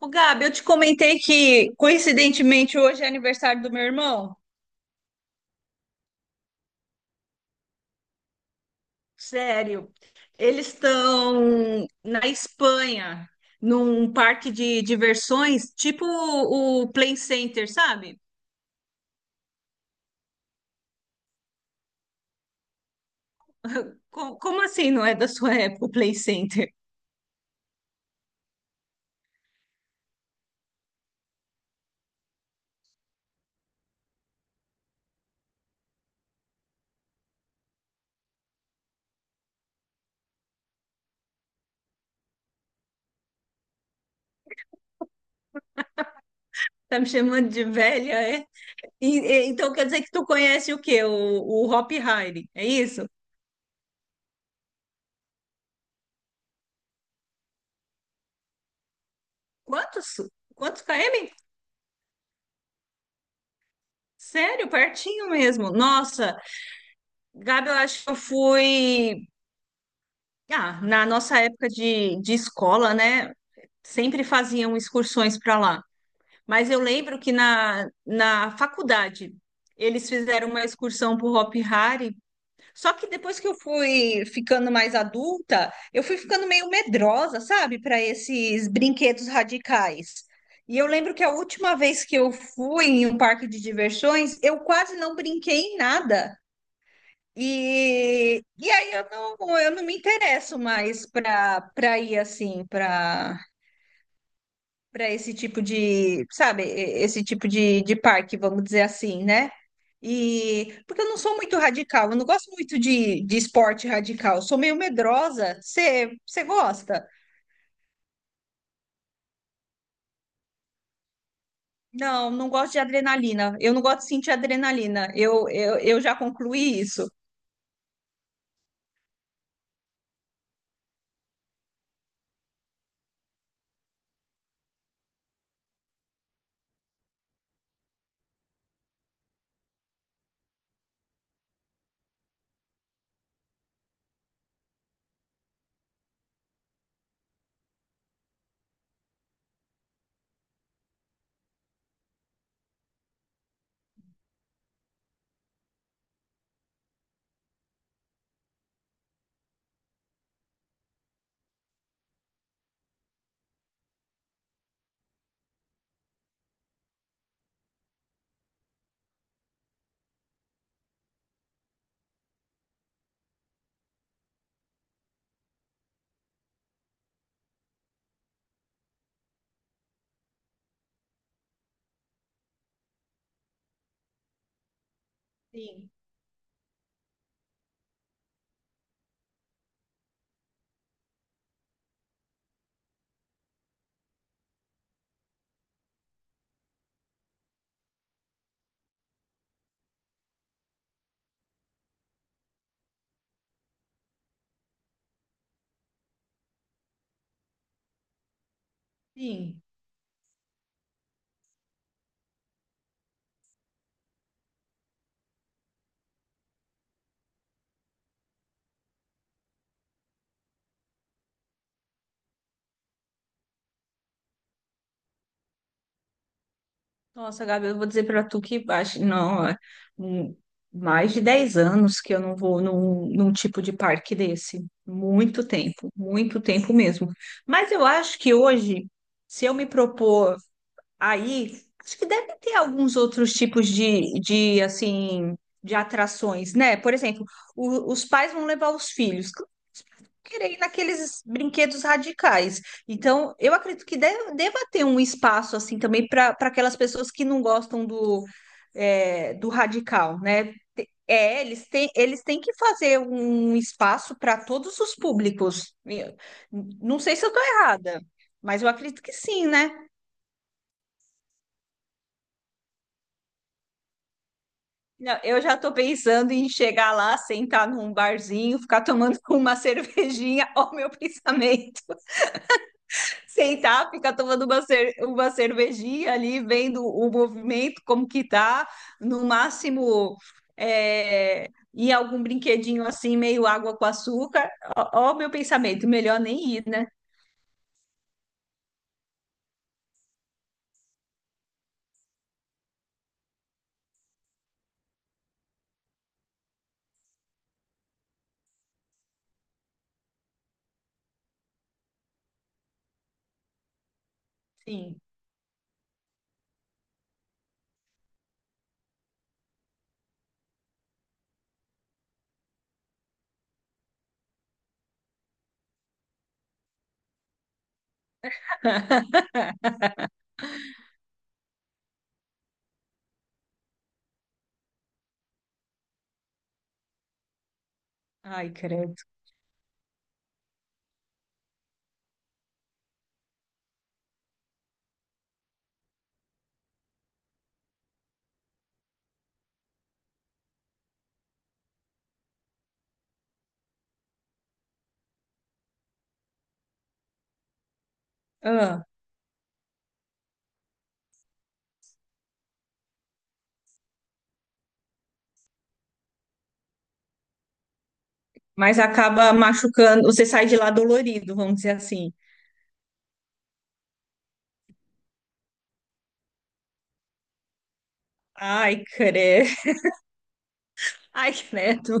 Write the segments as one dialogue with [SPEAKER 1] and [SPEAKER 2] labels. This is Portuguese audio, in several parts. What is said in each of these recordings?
[SPEAKER 1] Ô, Gabi, eu te comentei que, coincidentemente, hoje é aniversário do meu irmão. Sério. Eles estão na Espanha, num parque de diversões, tipo o Play Center, sabe? Como assim não é da sua época o Play Center? Tá me chamando de velha, é? Então quer dizer que tu conhece o quê? O Hop Harry, é isso? Quantos? Quantos km? Sério, pertinho mesmo. Nossa, Gabi, eu acho que eu fui. Ah, na nossa época de escola, né? Sempre faziam excursões para lá. Mas eu lembro que na faculdade eles fizeram uma excursão para o Hop Hari. Só que depois que eu fui ficando mais adulta, eu fui ficando meio medrosa, sabe, para esses brinquedos radicais. E eu lembro que a última vez que eu fui em um parque de diversões, eu quase não brinquei em nada. E aí eu não me interesso mais para ir assim, para esse tipo de, sabe, esse tipo de parque, vamos dizer assim, né? E porque eu não sou muito radical, eu não gosto muito de esporte radical, eu sou meio medrosa. Você gosta? Não, não gosto de adrenalina. Eu não gosto de sentir adrenalina. Eu já concluí isso. Sim, sim. Nossa, Gabi, eu vou dizer para tu que acho, não, é, hum, mais de 10 anos que eu não vou num, num tipo de parque desse. Muito tempo mesmo. Mas eu acho que hoje, se eu me propor. Aí, acho que deve ter alguns outros tipos de assim, de atrações, né? Por exemplo, os pais vão levar os filhos. Claro que os pais vão querer ir naqueles brinquedos radicais. Então, eu acredito que deve, deva ter um espaço, assim, também para aquelas pessoas que não gostam do, é, do radical, né? É, eles têm que fazer um espaço para todos os públicos. Não sei se eu estou errada, mas eu acredito que sim, né? Não, eu já tô pensando em chegar lá, sentar num barzinho, ficar tomando uma cervejinha, ó, o meu pensamento. Sentar, ficar tomando uma, uma cervejinha ali, vendo o movimento, como que tá. No máximo, é, ir a algum brinquedinho assim, meio água com açúcar. Ó, ó o meu pensamento, melhor nem ir, né? Sim. Ai, credo. Ah, mas acaba machucando, você sai de lá dolorido, vamos dizer assim. Ai, credo. Ai, credo.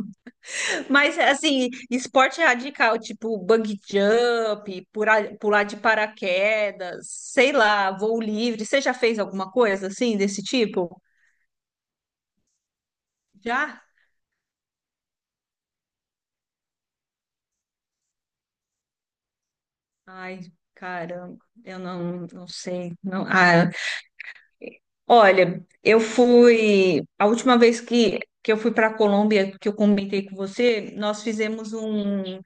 [SPEAKER 1] Mas assim, esporte radical, tipo bungee jump, pular de paraquedas, sei lá, voo livre. Você já fez alguma coisa assim desse tipo? Já? Ai, caramba, eu não, não sei. Não, ah, olha, eu fui a última vez que eu fui para a Colômbia, que eu comentei com você, nós fizemos um.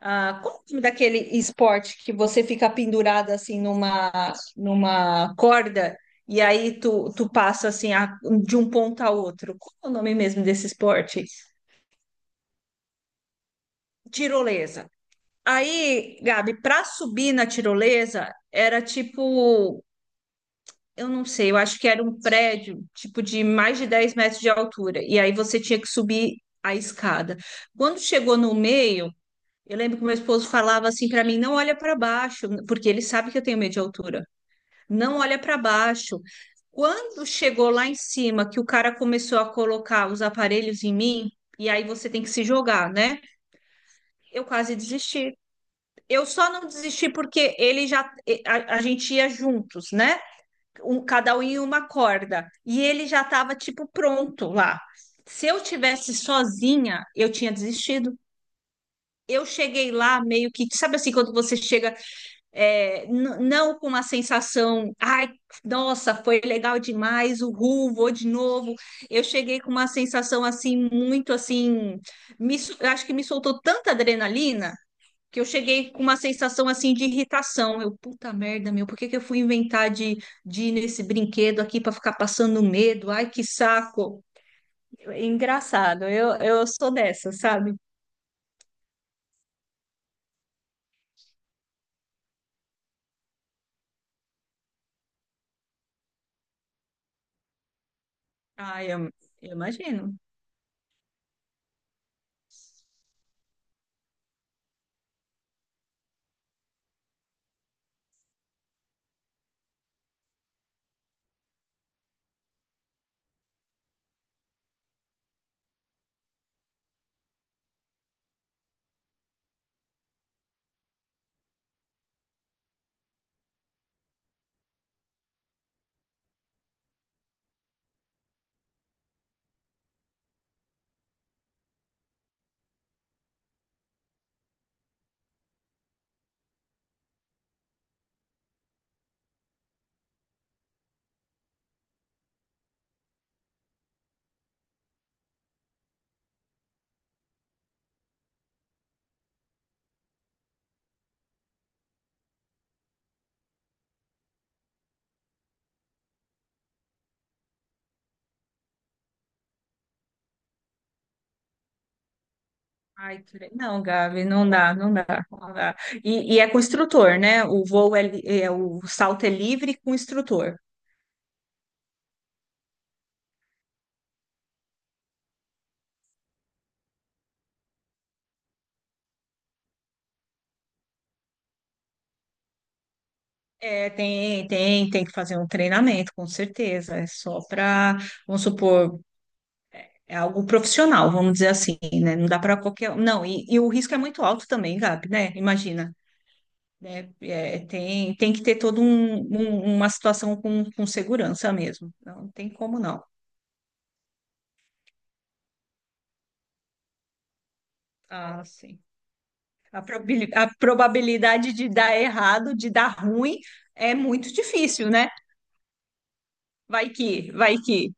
[SPEAKER 1] Ah, qual o nome daquele esporte que você fica pendurado assim numa corda e aí tu passa assim de um ponto a outro? Qual é o nome mesmo desse esporte? Tirolesa. Aí, Gabi, para subir na tirolesa era tipo, eu não sei, eu acho que era um prédio tipo de mais de 10 metros de altura e aí você tinha que subir a escada. Quando chegou no meio. Eu lembro que meu esposo falava assim para mim: não olha para baixo, porque ele sabe que eu tenho medo de altura. Não olha para baixo. Quando chegou lá em cima, que o cara começou a colocar os aparelhos em mim, e aí você tem que se jogar, né? Eu quase desisti. Eu só não desisti porque ele já, a gente ia juntos, né? Um, cada um em uma corda. E ele já estava tipo pronto lá. Se eu tivesse sozinha, eu tinha desistido. Eu cheguei lá meio que, sabe assim, quando você chega é, não com uma sensação, ai, nossa, foi legal demais, uhul, vou de novo. Eu cheguei com uma sensação assim, muito assim, eu acho que me soltou tanta adrenalina que eu cheguei com uma sensação assim de irritação. Eu, puta merda, meu, por que que eu fui inventar de ir nesse brinquedo aqui para ficar passando medo? Ai, que saco. Engraçado, eu sou dessa, sabe? Ai, eu imagino. Ai, não, Gabi, não dá, não dá, não dá. E é com instrutor, né? O voo é, o salto é livre com instrutor. É, tem, tem, tem que fazer um treinamento, com certeza. É só para, vamos supor, é algo profissional, vamos dizer assim, né? Não dá para qualquer. Um. Não, e o risco é muito alto também, Gabi, né? Imagina. Né? É, tem, tem que ter toda um, uma situação com segurança mesmo. Não tem como não. Ah, sim. A probabilidade de dar errado, de dar ruim, é muito difícil, né? Vai que, vai que.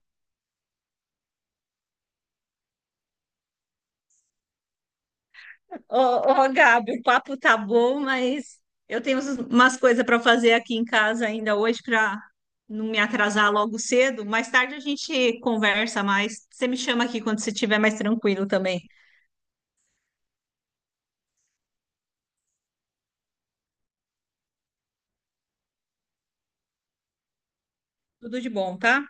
[SPEAKER 1] Ô, ô, Gabi, o papo tá bom, mas eu tenho umas coisas para fazer aqui em casa ainda hoje para não me atrasar logo cedo. Mais tarde a gente conversa mais. Você me chama aqui quando você estiver mais tranquilo também. Tudo de bom, tá?